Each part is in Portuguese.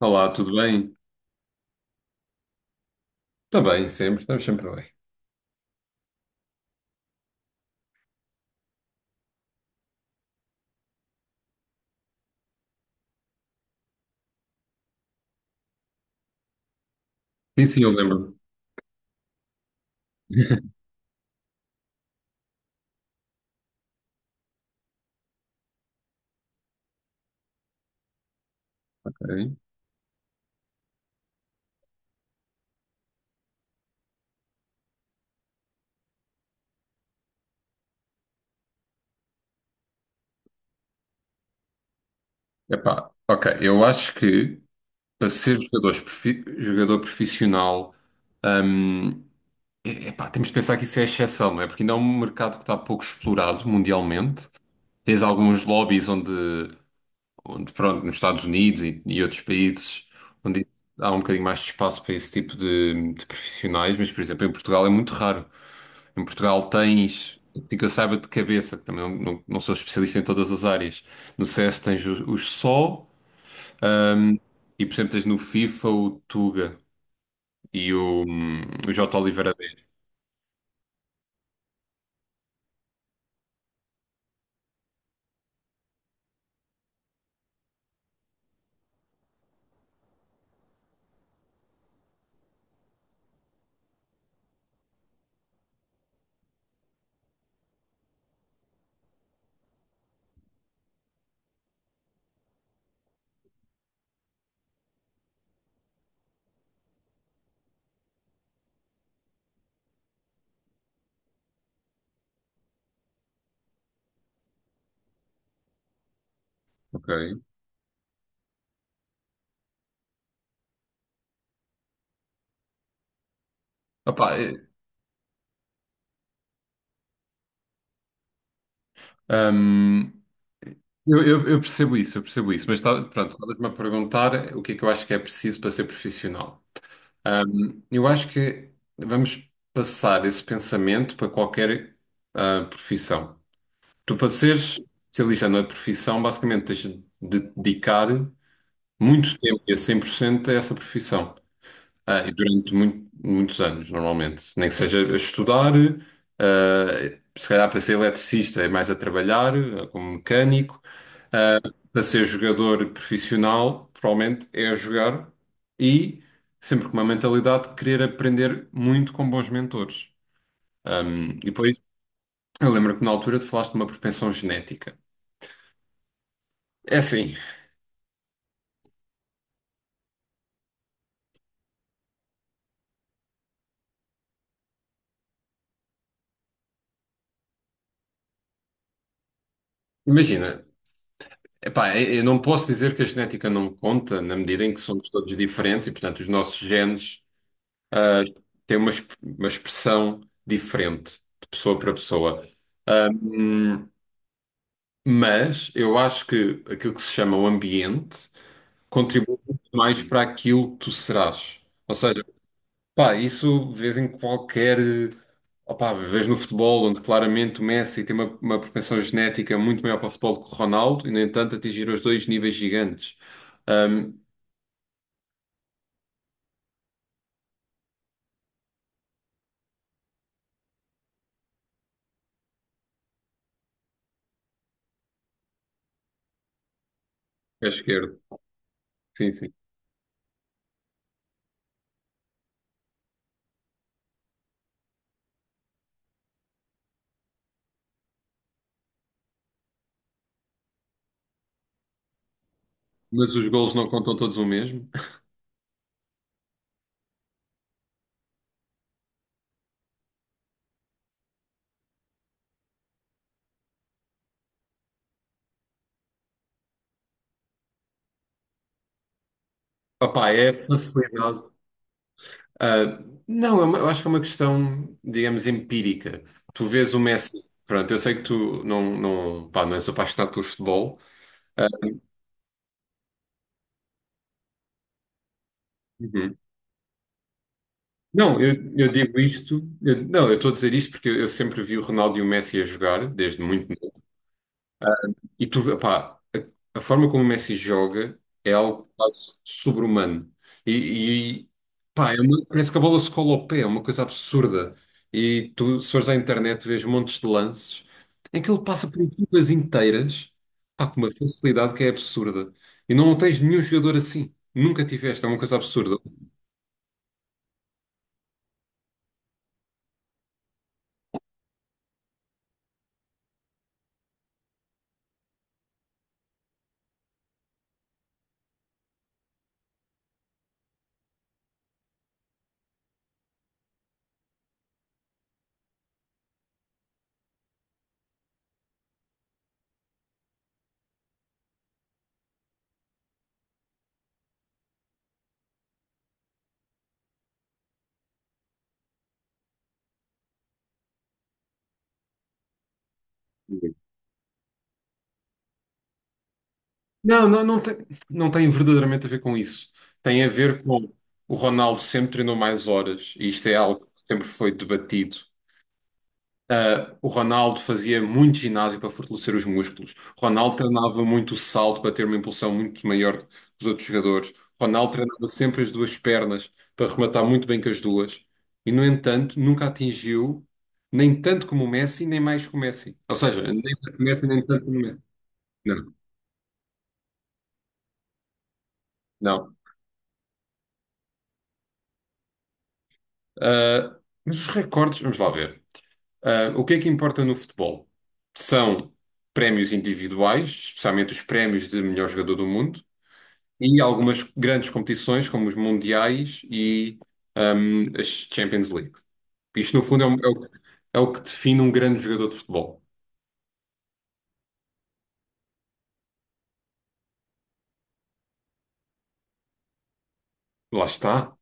Olá, tudo bem? Está bem, sempre, estamos sempre bem. Sim, eu lembro-me. Ok. Ok, eu acho que para ser jogador profissional, hum, epá, temos de pensar que isso é exceção, não é? Porque ainda é um mercado que está pouco explorado mundialmente. Tens alguns lobbies onde pronto, nos Estados Unidos e outros países, onde há um bocadinho mais de espaço para esse tipo de profissionais, mas, por exemplo, em Portugal é muito raro. Em Portugal tens, assim que eu saiba de cabeça, que também não sou especialista em todas as áreas. No CS tens os SO, ahm, e por exemplo tens no FIFA o Tuga e o J. Oliveira D. Ok. Opa, eh, ahm, eu percebo isso, mas tá, pronto, estavas-me a perguntar o que é que eu acho que é preciso para ser profissional. Eu acho que vamos passar esse pensamento para qualquer profissão. Tu, para seres especialista na profissão, basicamente tens de dedicar muito tempo e a 100% a essa profissão. Ah, e durante muitos anos, normalmente. Nem que seja a estudar, ah, se calhar para ser eletricista é mais a trabalhar, ah, como mecânico. Ah, para ser jogador profissional, provavelmente é a jogar e sempre com uma mentalidade de querer aprender muito com bons mentores. Ah, e depois, eu lembro que na altura tu falaste de uma propensão genética. É assim, imagina, epá, eu não posso dizer que a genética não conta, na medida em que somos todos diferentes e, portanto, os nossos genes ah, têm uma expressão diferente de pessoa para pessoa. Ahm, mas eu acho que aquilo que se chama o ambiente contribui muito mais para aquilo que tu serás. Ou seja, pá, isso vês em qualquer. Opá, vês no futebol, onde claramente o Messi tem uma propensão genética muito maior para o futebol que o Ronaldo, e no entanto atingiram os dois níveis gigantes. Ahm, É esquerdo. Sim, sim. Mas os golos não contam todos o mesmo. Opá, é facilidade. Ah, não, eu acho que é uma questão, digamos, empírica. Tu vês o Messi. Pronto, eu sei que tu não, pá, não és apaixonado por futebol. Ah, uhum. Não, eu digo isto, não, eu estou a dizer isto porque eu sempre vi o Ronaldo e o Messi a jogar, desde muito. E tu, pá, a forma como o Messi joga é algo quase sobre-humano. E, e, pá, parece que a bola se cola ao pé, é uma coisa absurda. E tu, se fores à internet, vês montes de lances em que ele passa por equipas inteiras, pá, com uma facilidade que é absurda. E não tens nenhum jogador assim. Nunca tiveste, é uma coisa absurda. Não tem, não tem verdadeiramente a ver com isso. Tem a ver com o Ronaldo sempre treinou mais horas, e isto é algo que sempre foi debatido. Ah, o Ronaldo fazia muito ginásio para fortalecer os músculos. O Ronaldo treinava muito o salto para ter uma impulsão muito maior que os outros jogadores. O Ronaldo treinava sempre as duas pernas para rematar muito bem com as duas. E, no entanto, nunca atingiu nem tanto como o Messi, nem mais que o Messi. Ou seja, nem tanto como o Messi, nem tanto como o Messi. Não, não. Ah, mas os recordes, vamos lá ver. Ah, o que é que importa no futebol? São prémios individuais, especialmente os prémios de melhor jogador do mundo, e algumas grandes competições, como os Mundiais e as Champions League. Isto, no fundo, é o que define um grande jogador de futebol. Lá está.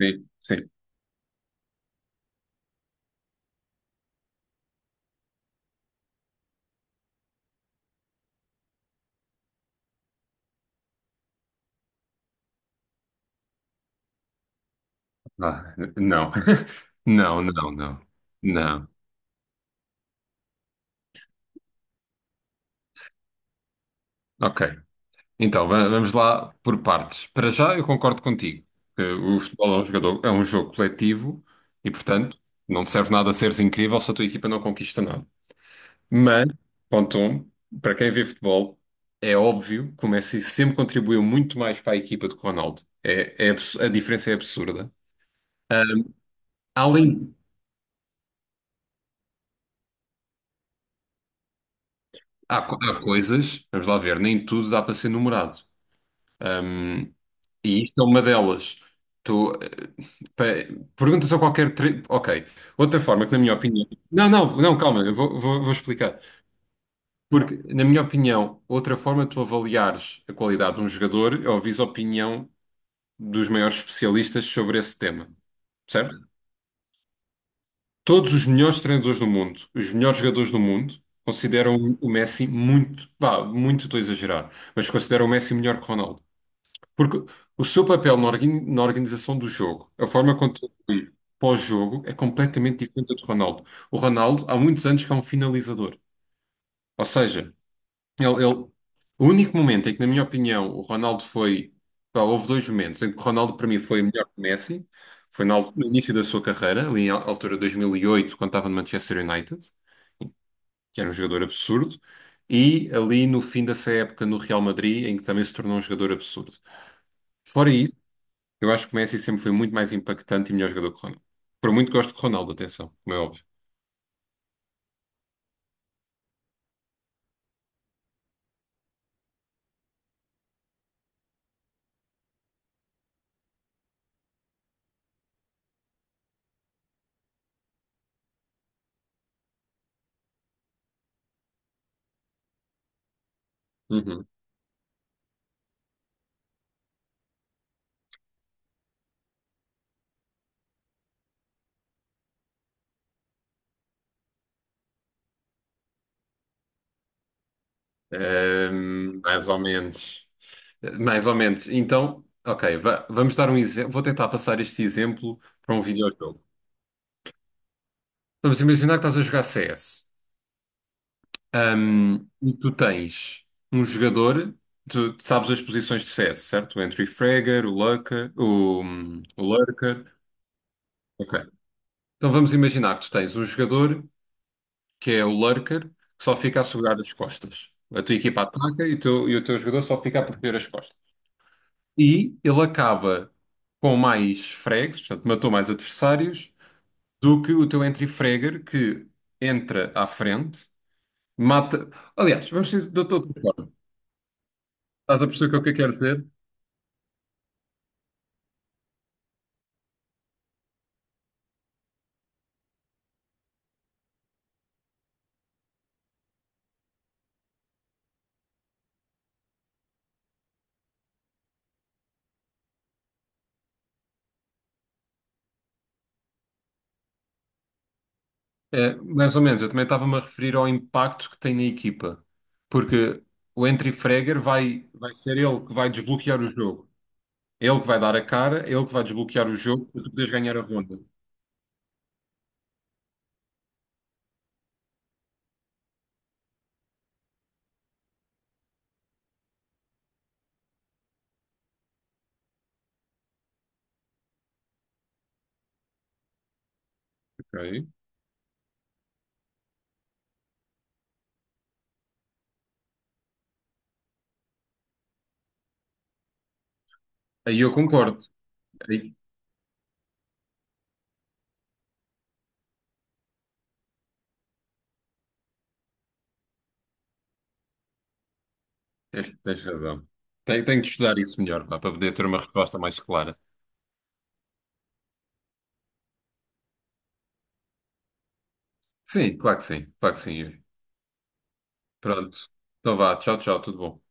Sim, sim. Ah, não. Não. Não. Ok. Então, vamos lá por partes. Para já, eu concordo contigo. Que o futebol é um jogo coletivo e, portanto, não serve nada seres incrível se a tua equipa não conquista nada. Mas, ponto um, para quem vê futebol, é óbvio que o Messi sempre contribuiu muito mais para a equipa do que o Ronaldo. A diferença é absurda. Além, há coisas, vamos lá ver, nem tudo dá para ser numerado. Um, e isto é uma delas. Tu, eh, pa- perguntas a qualquer. Ok. Outra forma que, na minha opinião. Não, calma, vou explicar. Porque, na minha opinião, outra forma de tu avaliares a qualidade de um jogador é ouvir a opinião dos maiores especialistas sobre esse tema. Certo? Todos os melhores treinadores do mundo, os melhores jogadores do mundo, consideram o Messi muito. Vá, muito estou a exagerar, mas consideram o Messi melhor que Ronaldo. Porque o seu papel na na organização do jogo, a forma como contribui pós-jogo, é completamente diferente do de Ronaldo. O Ronaldo, há muitos anos que é um finalizador. Ou seja, ele, ele- o único momento em que, na minha opinião, o Ronaldo foi. Pá, houve dois momentos em que o Ronaldo, para mim, foi melhor que o Messi. Foi no início da sua carreira, ali na altura de 2008, quando estava no Manchester United, que era um jogador absurdo. E ali no fim dessa época no Real Madrid, em que também se tornou um jogador absurdo. Fora, eu acho que o Messi sempre foi muito mais impactante e melhor jogador que o Ronaldo. Por muito que gosto de Ronaldo, atenção, como é óbvio. Uhum. Mais ou menos. Mais ou menos. Então, ok, vamos dar um exemplo. Vou tentar passar este exemplo para um videojogo. Vamos imaginar que estás a jogar CS. E tu tens um jogador, tu sabes as posições de CS, certo? O Entry Fragger, o Lurker, o Lurker. Ok. Então vamos imaginar que tu tens um jogador que é o lurker, que só fica a segurar as costas. A tua equipa ataca e e o teu jogador só fica a proteger as costas. E ele acaba com mais frags, portanto, matou mais adversários, do que o teu entry fragger, que entra à frente, mata. Aliás, vamos dizer de outra forma. Estás a perceber o que é que eu quero dizer? É, mais ou menos, eu também estava-me a referir ao impacto que tem na equipa, porque o entry fragger vai ser ele que vai desbloquear o jogo. É ele que vai dar a cara, é ele que vai desbloquear o jogo para tu poderes ganhar a ronda. Ok. Aí eu concordo. Aí tens razão. Tenho de estudar isso melhor, pá, para poder ter uma resposta mais clara. Sim, claro que sim. Claro que sim, Yuri. Pronto. Então vá. Tchau, tchau. Tudo bom.